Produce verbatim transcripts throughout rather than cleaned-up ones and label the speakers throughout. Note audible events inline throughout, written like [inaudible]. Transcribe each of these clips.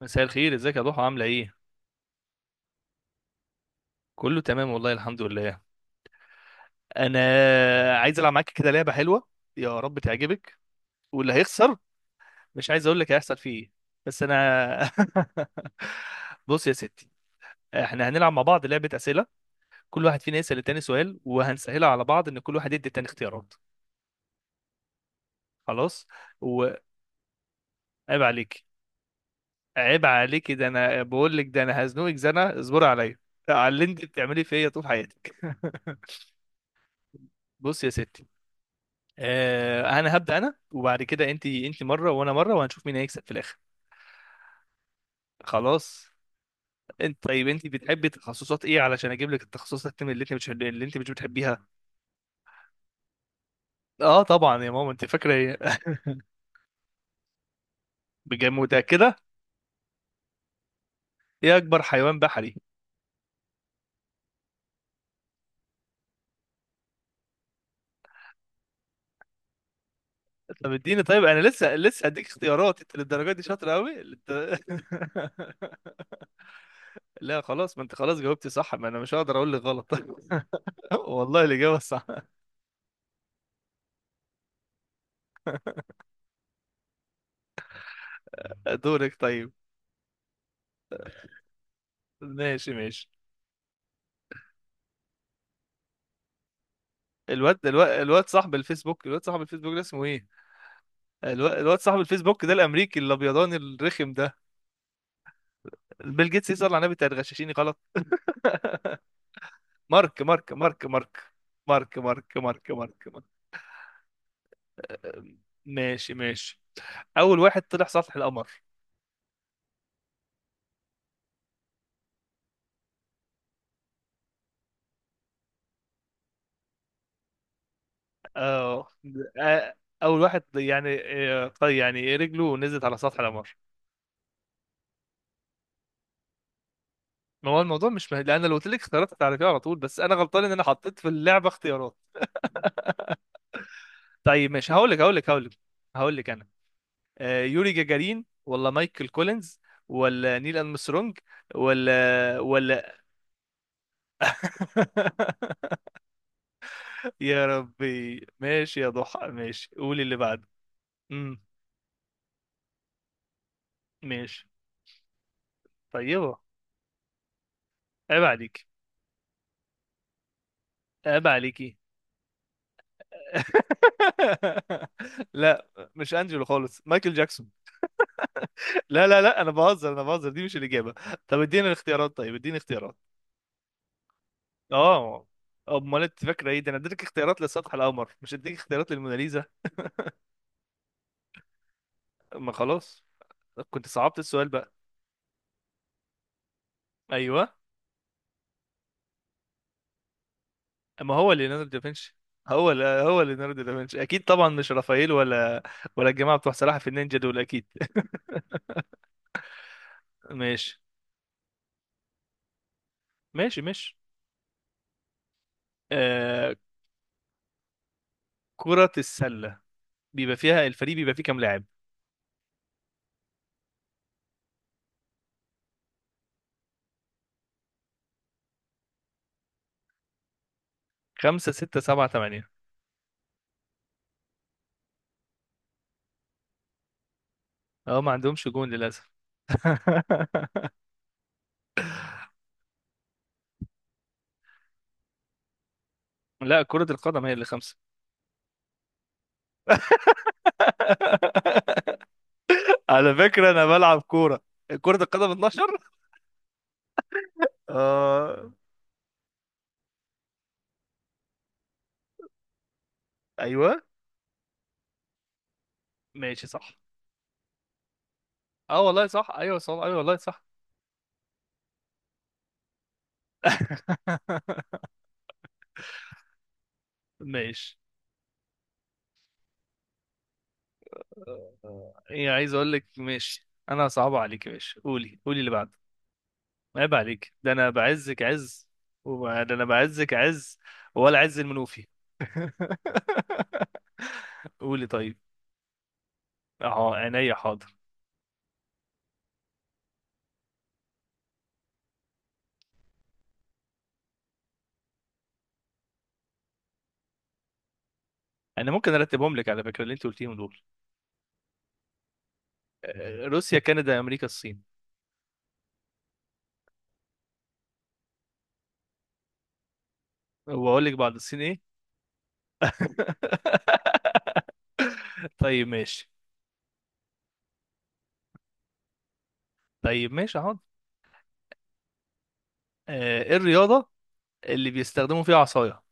Speaker 1: مساء الخير، ازيك يا ضحى؟ عامله ايه؟ كله تمام والله، الحمد لله. انا عايز العب معاك كده لعبه حلوه، يا رب تعجبك. واللي هيخسر... مش عايز اقول لك هيحصل فيه ايه، بس انا... [laughs] بص يا ستي، احنا هنلعب مع بعض لعبه اسئله. كل واحد فينا يسال التاني سؤال، وهنسهلها على بعض ان كل واحد يدي التاني اختيارات. خلاص. وعيب عليك. عيب عليك، ده انا بقول لك، ده انا هزنقك زنقه، اصبري عليا على اللي انت بتعمليه فيا طول حياتك. [laughs] بص يا ستي، آه، انا هبدأ انا، وبعد كده انت انت مرة وانا مرة، وهنشوف مين هيكسب في الاخر. خلاص. انت طيب، انت بتحبي تخصصات ايه علشان اجيب لك التخصصات اللي انت مش اللي انت مش بتحبيها؟ اه طبعا يا ماما، انت فاكرة ايه؟ [laughs] بجد متأكدة؟ ايه اكبر حيوان بحري؟ طب اديني. طيب انا لسه لسه هديك اختيارات. انت للدرجة دي شاطرة قوي انت... [laughs] لا خلاص، ما انت خلاص جاوبتي صح، ما انا مش هقدر اقول لك غلط. [laughs] والله الإجابة صح. دورك. طيب ماشي ماشي. الواد الواد الواد صاحب الفيسبوك الواد صاحب الفيسبوك ده اسمه ايه؟ الواد, الواد صاحب الفيسبوك ده، الامريكي الابيضاني الرخم ده. بيل جيتس؟ يسأل على النبي، تغششيني غلط! مارك مارك مارك مارك مارك، مارك مارك مارك مارك. ماشي ماشي. اول واحد طلع سطح القمر؟ اه. آه، اول واحد يعني... آه، طيب يعني رجله نزلت على سطح القمر. ما هو الموضوع مش مه... لان لو قلت لك اختيارات هتعرفيها على طول، بس انا غلطان ان انا حطيت في اللعبه اختيارات. طيب ماشي، هقول لك هقول لك هقول لك. هقول لك انا. آه، يوري جاجارين ولا مايكل كولينز ولا نيل أرمسترونج ولا ولا [laughs] يا ربي، ماشي يا ضحى، ماشي قولي اللي بعده. امم. ماشي. طيبة. عيب عليك. عيب عليكي. [laughs] لا مش انجلو خالص، مايكل جاكسون. لا لا لا، انا بهزر، انا بهزر، دي مش الاجابه. طب اديني الاختيارات، طيب اديني اختيارات. اه. امال انت فاكره ايه؟ ده انا اديتك اختيارات لسطح القمر مش اديك اختيارات للموناليزا. ما خلاص، كنت صعبت السؤال بقى. ايوه. ما هو ليوناردو دافنشي. هو لا، هو ليوناردو دافنشي اكيد طبعا، مش رافائيل ولا ولا الجماعه بتوع سلاحف النينجا دول اكيد. [laughs] ماشي ماشي ماشي. آه، كرة السلة بيبقى فيها الفريق بيبقى فيه كام لاعب؟ خمسة ستة سبعة تمانية. اه ما عندهمش جون للأسف. [laughs] لا كرة القدم هي اللي خمسة. [laughs] على فكرة أنا بلعب كورة. كرة القدم اتناشر. آه أيوه. ماشي صح. اه والله صح، ايوه صح، ايوه والله صح. [laughs] ماشي. آه، ايه، عايز اقول لك ماشي، انا صعب عليك يا باشا، قولي قولي اللي بعده. عيب عليك، ده انا بعزك عز، وب- ده انا بعزك عز، ولا عز المنوفي. [laughs] قولي طيب. اه عينيا حاضر. انا ممكن ارتبهم لك على فكره اللي انت قلتيهم دول. آه، روسيا كندا امريكا الصين. واقول لك بعد الصين ايه؟ [laughs] طيب ماشي. طيب ماشي حاضر. آه، ايه الرياضه اللي بيستخدموا فيها عصايه؟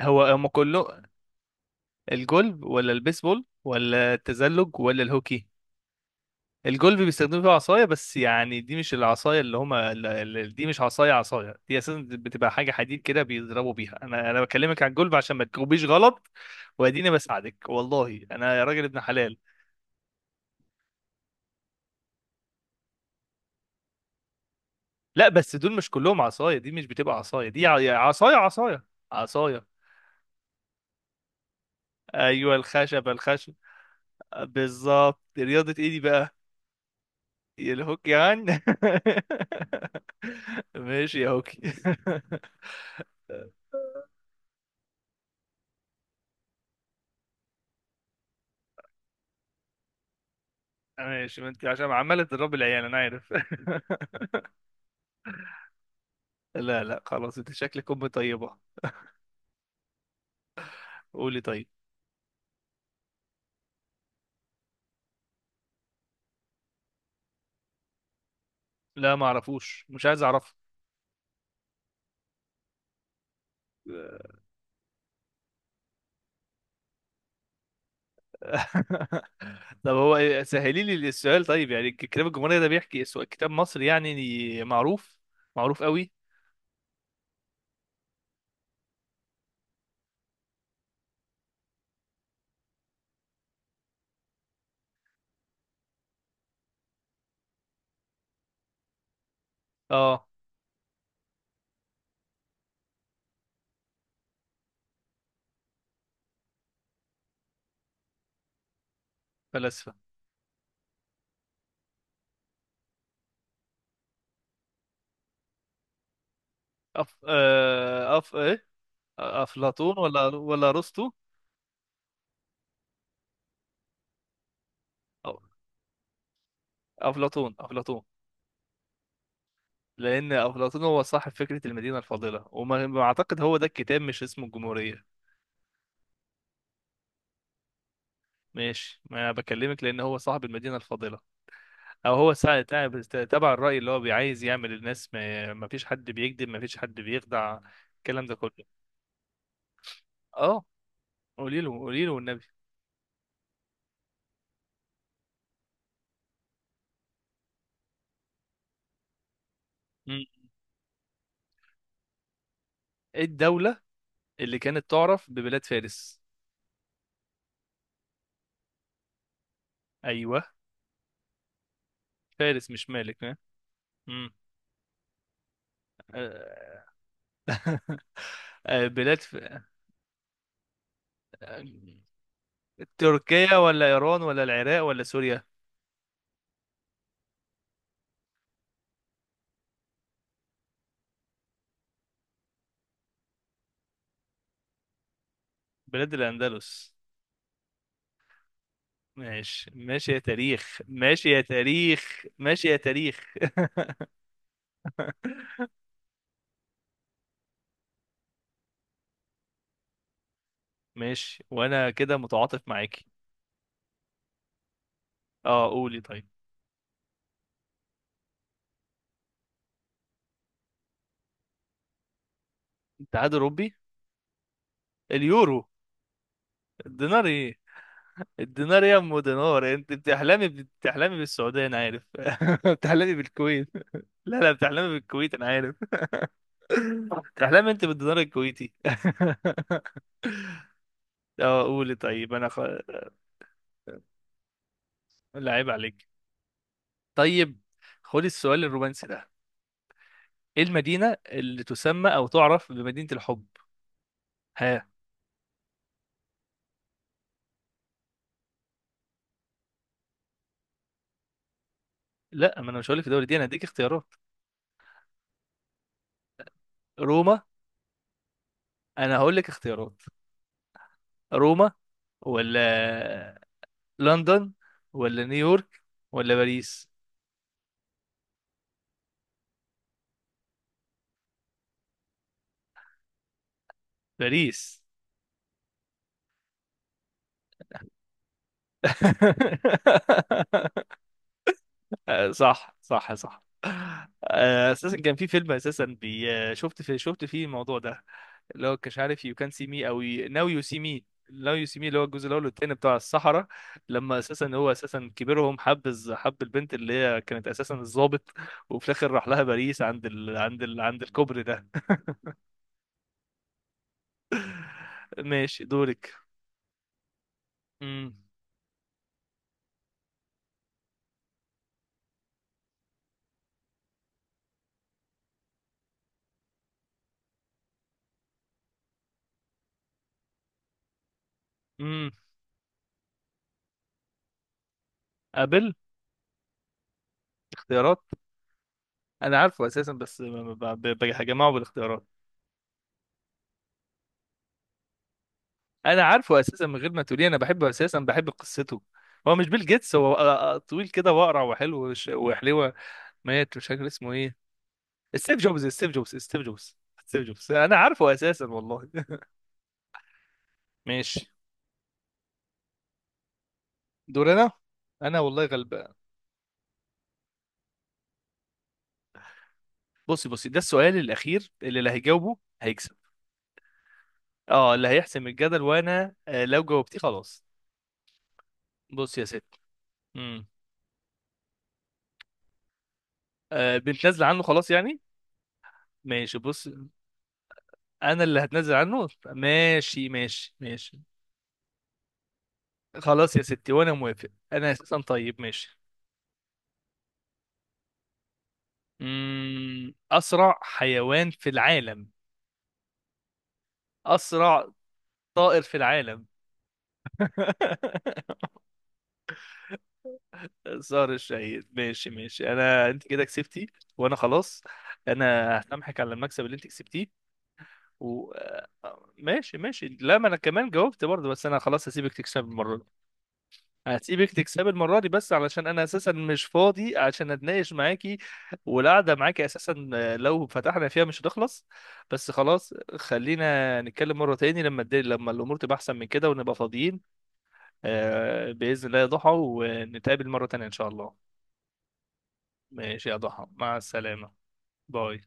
Speaker 1: هو هم كله. الجولف ولا البيسبول ولا التزلج ولا الهوكي؟ الجولف بيستخدموا فيها عصايه، بس يعني دي مش العصايه اللي هما ال- ال- دي مش عصايه عصايه، دي اساسا بتبقى حاجه حديد كده بيضربوا بيها. انا انا بكلمك عن الجولف عشان ما تجاوبيش غلط. واديني بساعدك والله، انا يا راجل ابن حلال. لا بس دول مش كلهم عصايه، دي مش بتبقى عصايه، دي ع- عصايه عصايه، عصايه. ايوه الخشب الخشب. بالظبط، رياضه ايه دي بقى؟ يا الهوك يعني. [laughs] ماشي يا هوكي. [laughs] ماشي، ما انت عشان عمالة تضرب العيال انا عارف. [laughs] لا لا خلاص، انت شكلك ام طيبة. قولي طيب. لا ما اعرفوش، مش عايز اعرفه. [laughs] طب هو ايه- سهلي لي السؤال طيب، يعني الكتاب الجمهورية ده بيحكي سو- كتاب مصري يعني معروف، معروف قوي. اه فلاسفة. أف... آه، أف... إيه؟ أفلاطون ولا ولا أرسطو؟ أو- أفلاطون أفلاطون. لأن أفلاطون هو صاحب فكرة المدينة الفاضلة، وما ما أعتقد هو ده الكتاب مش اسمه الجمهورية. ماشي، ما أنا بكلمك لأن هو صاحب المدينة الفاضلة. أو هو سا- تع- تبع الرأي اللي هو بيعايز يعمل الناس ما ما فيش حد بيكذب، ما فيش حد بيخدع، الكلام ده كله. أه قولي له قولي له والنبي. مم. إيه الدولة اللي كانت تعرف ببلاد فارس؟ أيوه. فارس مش مالك ها. مم. [laughs] آه، بلاد ف... آه، تركيا ولا إيران ولا العراق ولا سوريا؟ بلاد الأندلس. ماشي ماشي يا تاريخ، ماشي يا تاريخ، ماشي يا تاريخ. [laughs] ماشي، وانا كده متعاطف معاكي. اه قولي طيب. الاتحاد الاوروبي؟ اليورو. الدينار؟ ايه الدينار يا ام دينار، انت بتحلمي بتحلمي بالسعوديه انا عارف. [laughs] بتحلمي بالكويت. لا لا بتحلمي بالكويت انا عارف، بتحلمي انت بالدينار الكويتي. [laughs] اه قولي طيب، انا خ... لا عيب عليك. طيب خدي السؤال الرومانسي ده. ايه المدينه اللي تسمى او تعرف بمدينه الحب؟ لا ما انا مش هقول لك الدوري دي، انا هديك اختيارات. روما. انا هقول لك اختيارات. روما ولا لندن ولا نيويورك ولا باريس؟ باريس. [laughs] آه، صح صح صح. آه، اساسا كان في فيلم، اساسا بي آه، شفت في شفت فيه الموضوع ده، اللي هو مش عارف يو كان سي مي او. ناو يو سي مي. ناو يو سي مي اللي هو الجزء الاول والتاني بتاع الصحراء. لما اساسا هو اساسا كبيرهم حب الز- حب البنت اللي هي كانت اساسا الضابط، وفي الاخر راح لها باريس عند ال... عند ال... عند الكوبري ده. [laughs] ماشي دورك. امم. امم. قابل. اختيارات. انا عارفه اساسا بس ب- ب- بجمعه بالاختيارات. انا عارفه اساسا من غير ما تقولي، انا بحبه اساسا، بحب قصته. هو مش بيل جيتس، هو آه، آه، طويل كده واقرع وحلو وش- وحلوه، مات مش فاكر اسمه ايه. ستيف جوبز ستيف جوبز ستيف جوبز ستيف جوبز، انا عارفه اساسا والله. [laughs] ماشي. دور انا. انا والله غلبان. بصي بصي ده السؤال الاخير، اللي اللي هيجاوبه هيكسب. اه اللي هيحسم الجدل. وانا آه، لو جاوبتيه خلاص. بص يا ست. امم. آه بنتنازل عنه خلاص يعني. ماشي بص، انا اللي هتنازل عنه، ماشي ماشي ماشي. خلاص يا ستي، وانا موافق، انا اساسا طيب ماشي. امم. اسرع حيوان في العالم؟ اسرع طائر في العالم؟ [laughs] صار الشهيد، ماشي ماشي، انا انت كده كسبتي وانا خلاص. انا هسامحك على المكسب اللي انت كسبتيه. و آه، ماشي ماشي، لا ما انا كمان جاوبت برضه، بس انا خلاص هسيبك تكسب المره دي. هسيبك تكسبي المرة دي بس علشان أنا أساسا مش فاضي عشان أتناقش معاكي، والقعدة معاكي أساسا لو فتحنا فيها مش هتخلص. بس خلاص خلينا نتكلم مرة تاني لما الدنيا، لما الأمور تبقى أحسن من كده ونبقى فاضيين. آه، بإذن الله يا ضحى، ونتقابل مرة تانية إن شاء الله. ماشي يا ضحى، مع السلامة. باي.